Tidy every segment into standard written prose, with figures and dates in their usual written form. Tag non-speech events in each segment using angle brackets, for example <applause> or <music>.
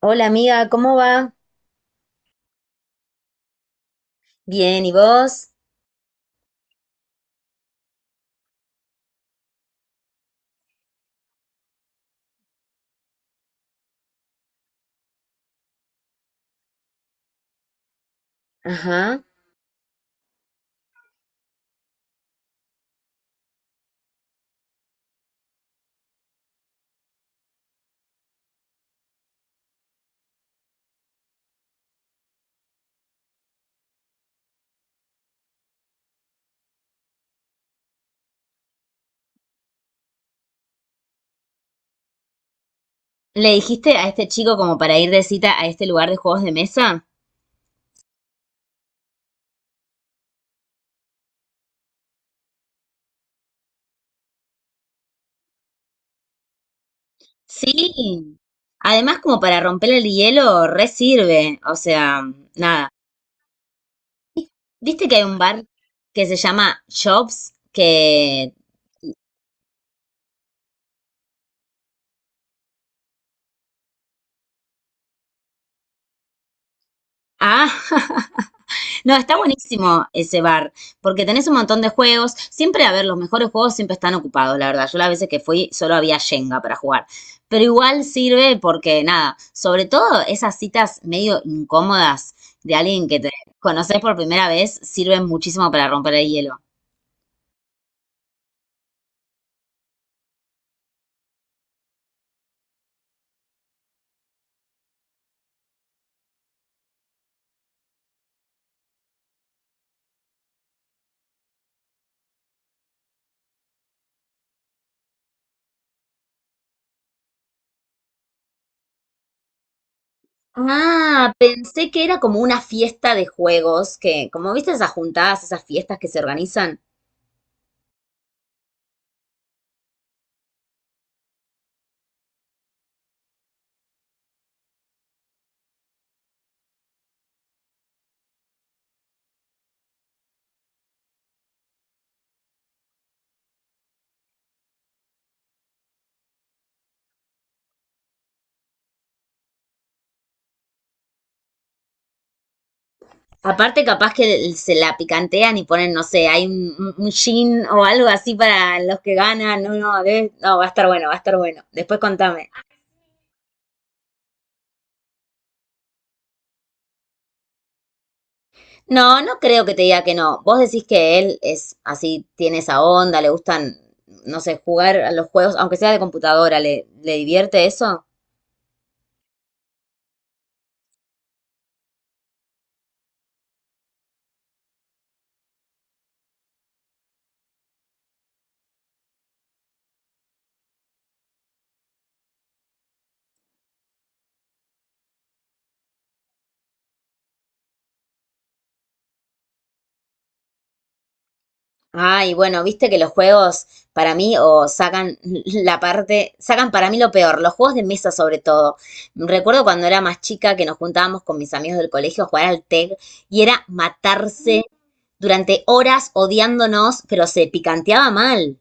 Hola amiga, ¿cómo va? Bien, ¿y vos? Ajá. ¿Le dijiste a este chico como para ir de cita a este lugar de juegos de mesa? Sí. Además, como para romper el hielo, re sirve. O sea, nada. ¿Viste que hay un bar que se llama Shops? Que... Ah, <laughs> No, está buenísimo ese bar, porque tenés un montón de juegos. Siempre, a ver, los mejores juegos siempre están ocupados, la verdad. Yo las veces que fui solo había Jenga para jugar. Pero igual sirve porque, nada, sobre todo esas citas medio incómodas de alguien que te conoces por primera vez sirven muchísimo para romper el hielo. Ah, pensé que era como una fiesta de juegos, que como viste esas juntadas, esas fiestas que se organizan. Aparte, capaz que se la picantean y ponen, no sé, hay un gin o algo así para los que ganan. No, no, no, va a estar bueno, va a estar bueno. Después contame. No, no creo que te diga que no. Vos decís que él es así, tiene esa onda, le gustan, no sé, jugar a los juegos, aunque sea de computadora, ¿le divierte eso? Ay, bueno, viste que los juegos para mí o sacan <laughs> la parte, sacan para mí lo peor, los juegos de mesa sobre todo. Recuerdo cuando era más chica que nos juntábamos con mis amigos del colegio a jugar al TEG y era matarse durante horas odiándonos, pero se picanteaba mal.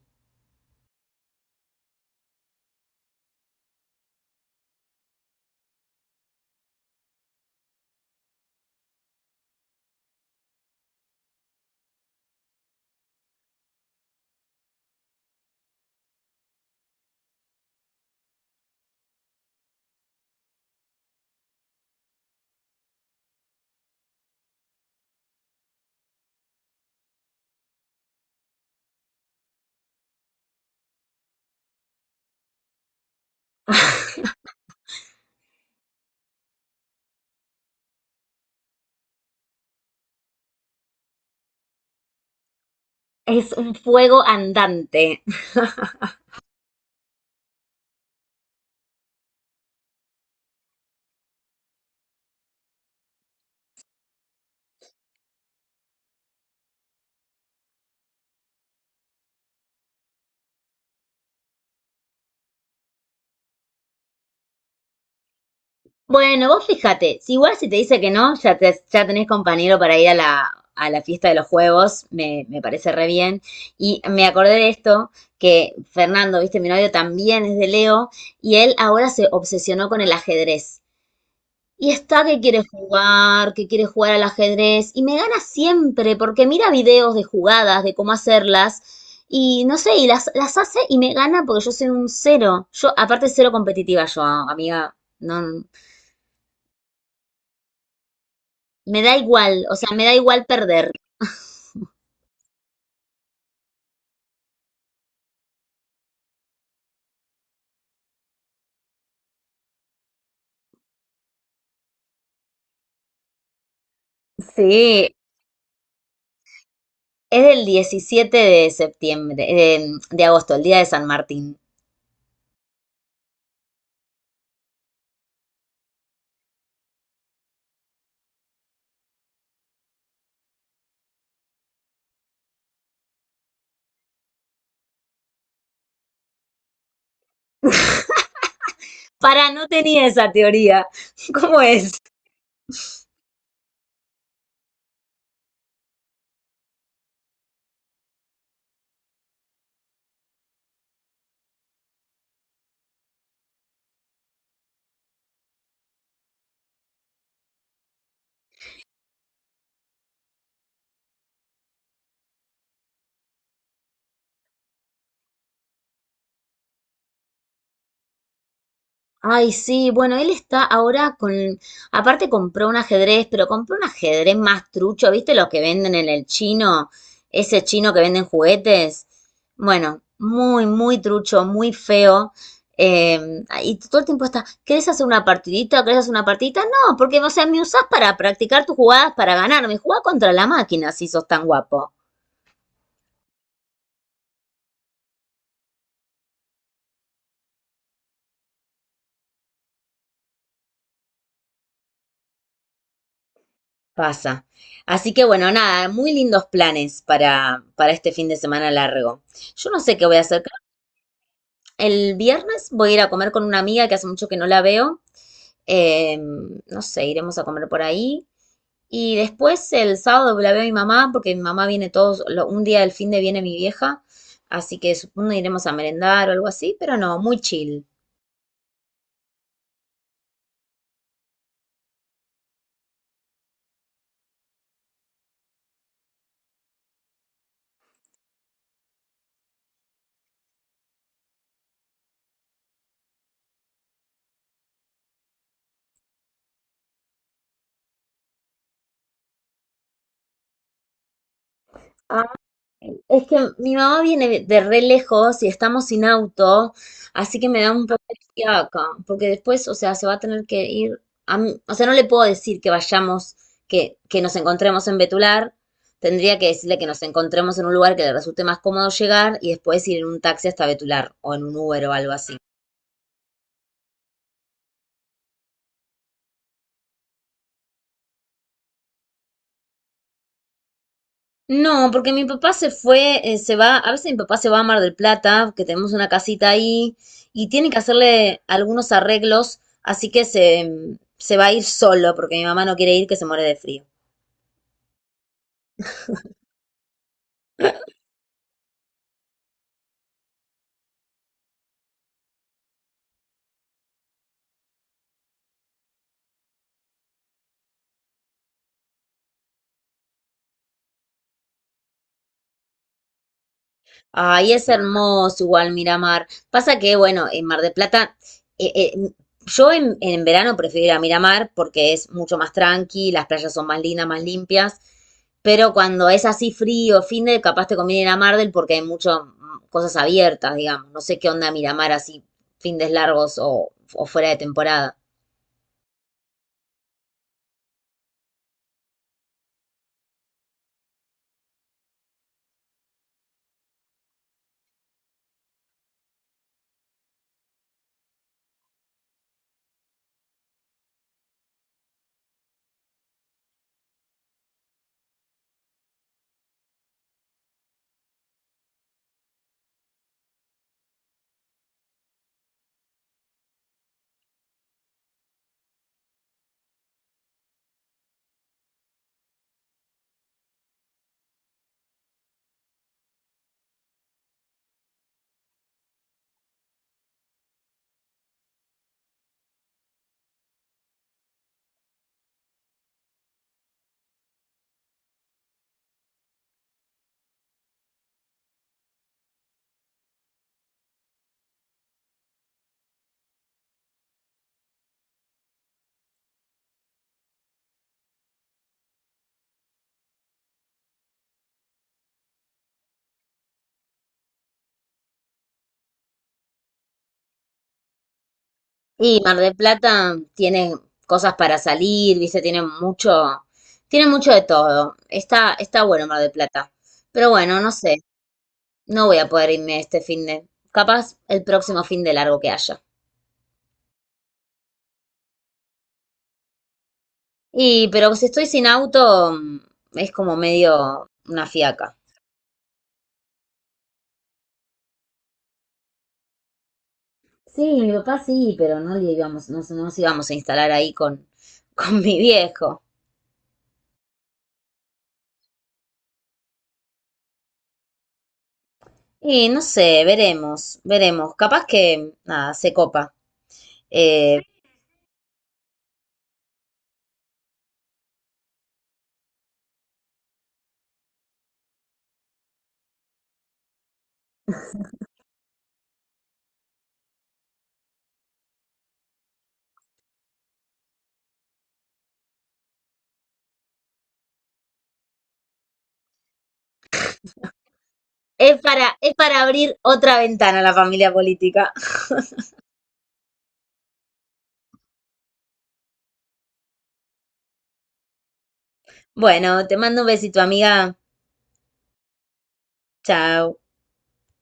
<laughs> Es un fuego andante. Bueno, vos fíjate, si igual si te dice que no, ya, ya tenés compañero para ir a la fiesta de los juegos, me parece re bien. Y me acordé de esto, que Fernando, viste, mi novio también es de Leo, y él ahora se obsesionó con el ajedrez. Y está que quiere jugar al ajedrez, y me gana siempre, porque mira videos de jugadas, de cómo hacerlas, y no sé, y las hace y me gana porque yo soy un cero. Yo, aparte, cero competitiva yo, amiga. No, me da igual, o sea, me da igual perder. Sí, es del 17 de septiembre, de agosto, el día de San Martín. Para, no tenía esa teoría. <laughs> ¿Cómo es? Ay, sí, bueno, él está ahora con, aparte compró un ajedrez, pero compró un ajedrez más trucho, ¿viste los que venden en el chino? Ese chino que venden juguetes. Bueno, muy, muy trucho, muy feo. Y todo el tiempo está, ¿querés hacer una partidita? ¿Querés hacer una partidita? No, porque, o sea, me usás para practicar tus jugadas para ganarme. Jugá contra la máquina si sos tan guapo. Pasa. Así que bueno, nada, muy lindos planes para este fin de semana largo. Yo no sé qué voy a hacer. El viernes voy a ir a comer con una amiga que hace mucho que no la veo. No sé, iremos a comer por ahí. Y después el sábado la veo a mi mamá, porque mi mamá viene todos, un día del fin de viene mi vieja, así que supongo iremos a merendar o algo así, pero no, muy chill. Es que mi mamá viene de re lejos y estamos sin auto, así que me da un poco de fiaca, porque después, o sea, se va a tener que ir a o sea, no le puedo decir que vayamos, que nos encontremos en Betular, tendría que decirle que nos encontremos en un lugar que le resulte más cómodo llegar y después ir en un taxi hasta Betular o en un Uber o algo así. No, porque mi papá se fue, se va, a veces mi papá se va a Mar del Plata, que tenemos una casita ahí, y tiene que hacerle algunos arreglos, así que se va a ir solo, porque mi mamá no quiere ir, que se muere de frío. Ay, es hermoso igual Miramar. Pasa que, bueno, en Mar del Plata, eh, eh, yo en verano prefiero ir a Miramar porque es mucho más tranqui, las playas son más lindas, más limpias, pero cuando es así frío, fin de, capaz te conviene ir a Mar del porque hay muchas cosas abiertas, digamos. No sé qué onda Miramar así, fines largos o fuera de temporada. Y Mar del Plata tiene cosas para salir, viste, tiene mucho de todo. Está, está bueno Mar del Plata. Pero bueno, no sé, no voy a poder irme este fin de, capaz el próximo fin de largo que haya. Y, pero si estoy sin auto, mm, es como medio una fiaca. Sí, mi papá sí, pero no le íbamos, no, no nos íbamos a instalar ahí con, <laughs> con mi viejo. Y no sé, veremos, veremos. Capaz que, nada, se copa. Eh, es para abrir otra ventana a la familia política. Bueno, te mando un besito, amiga. Chao.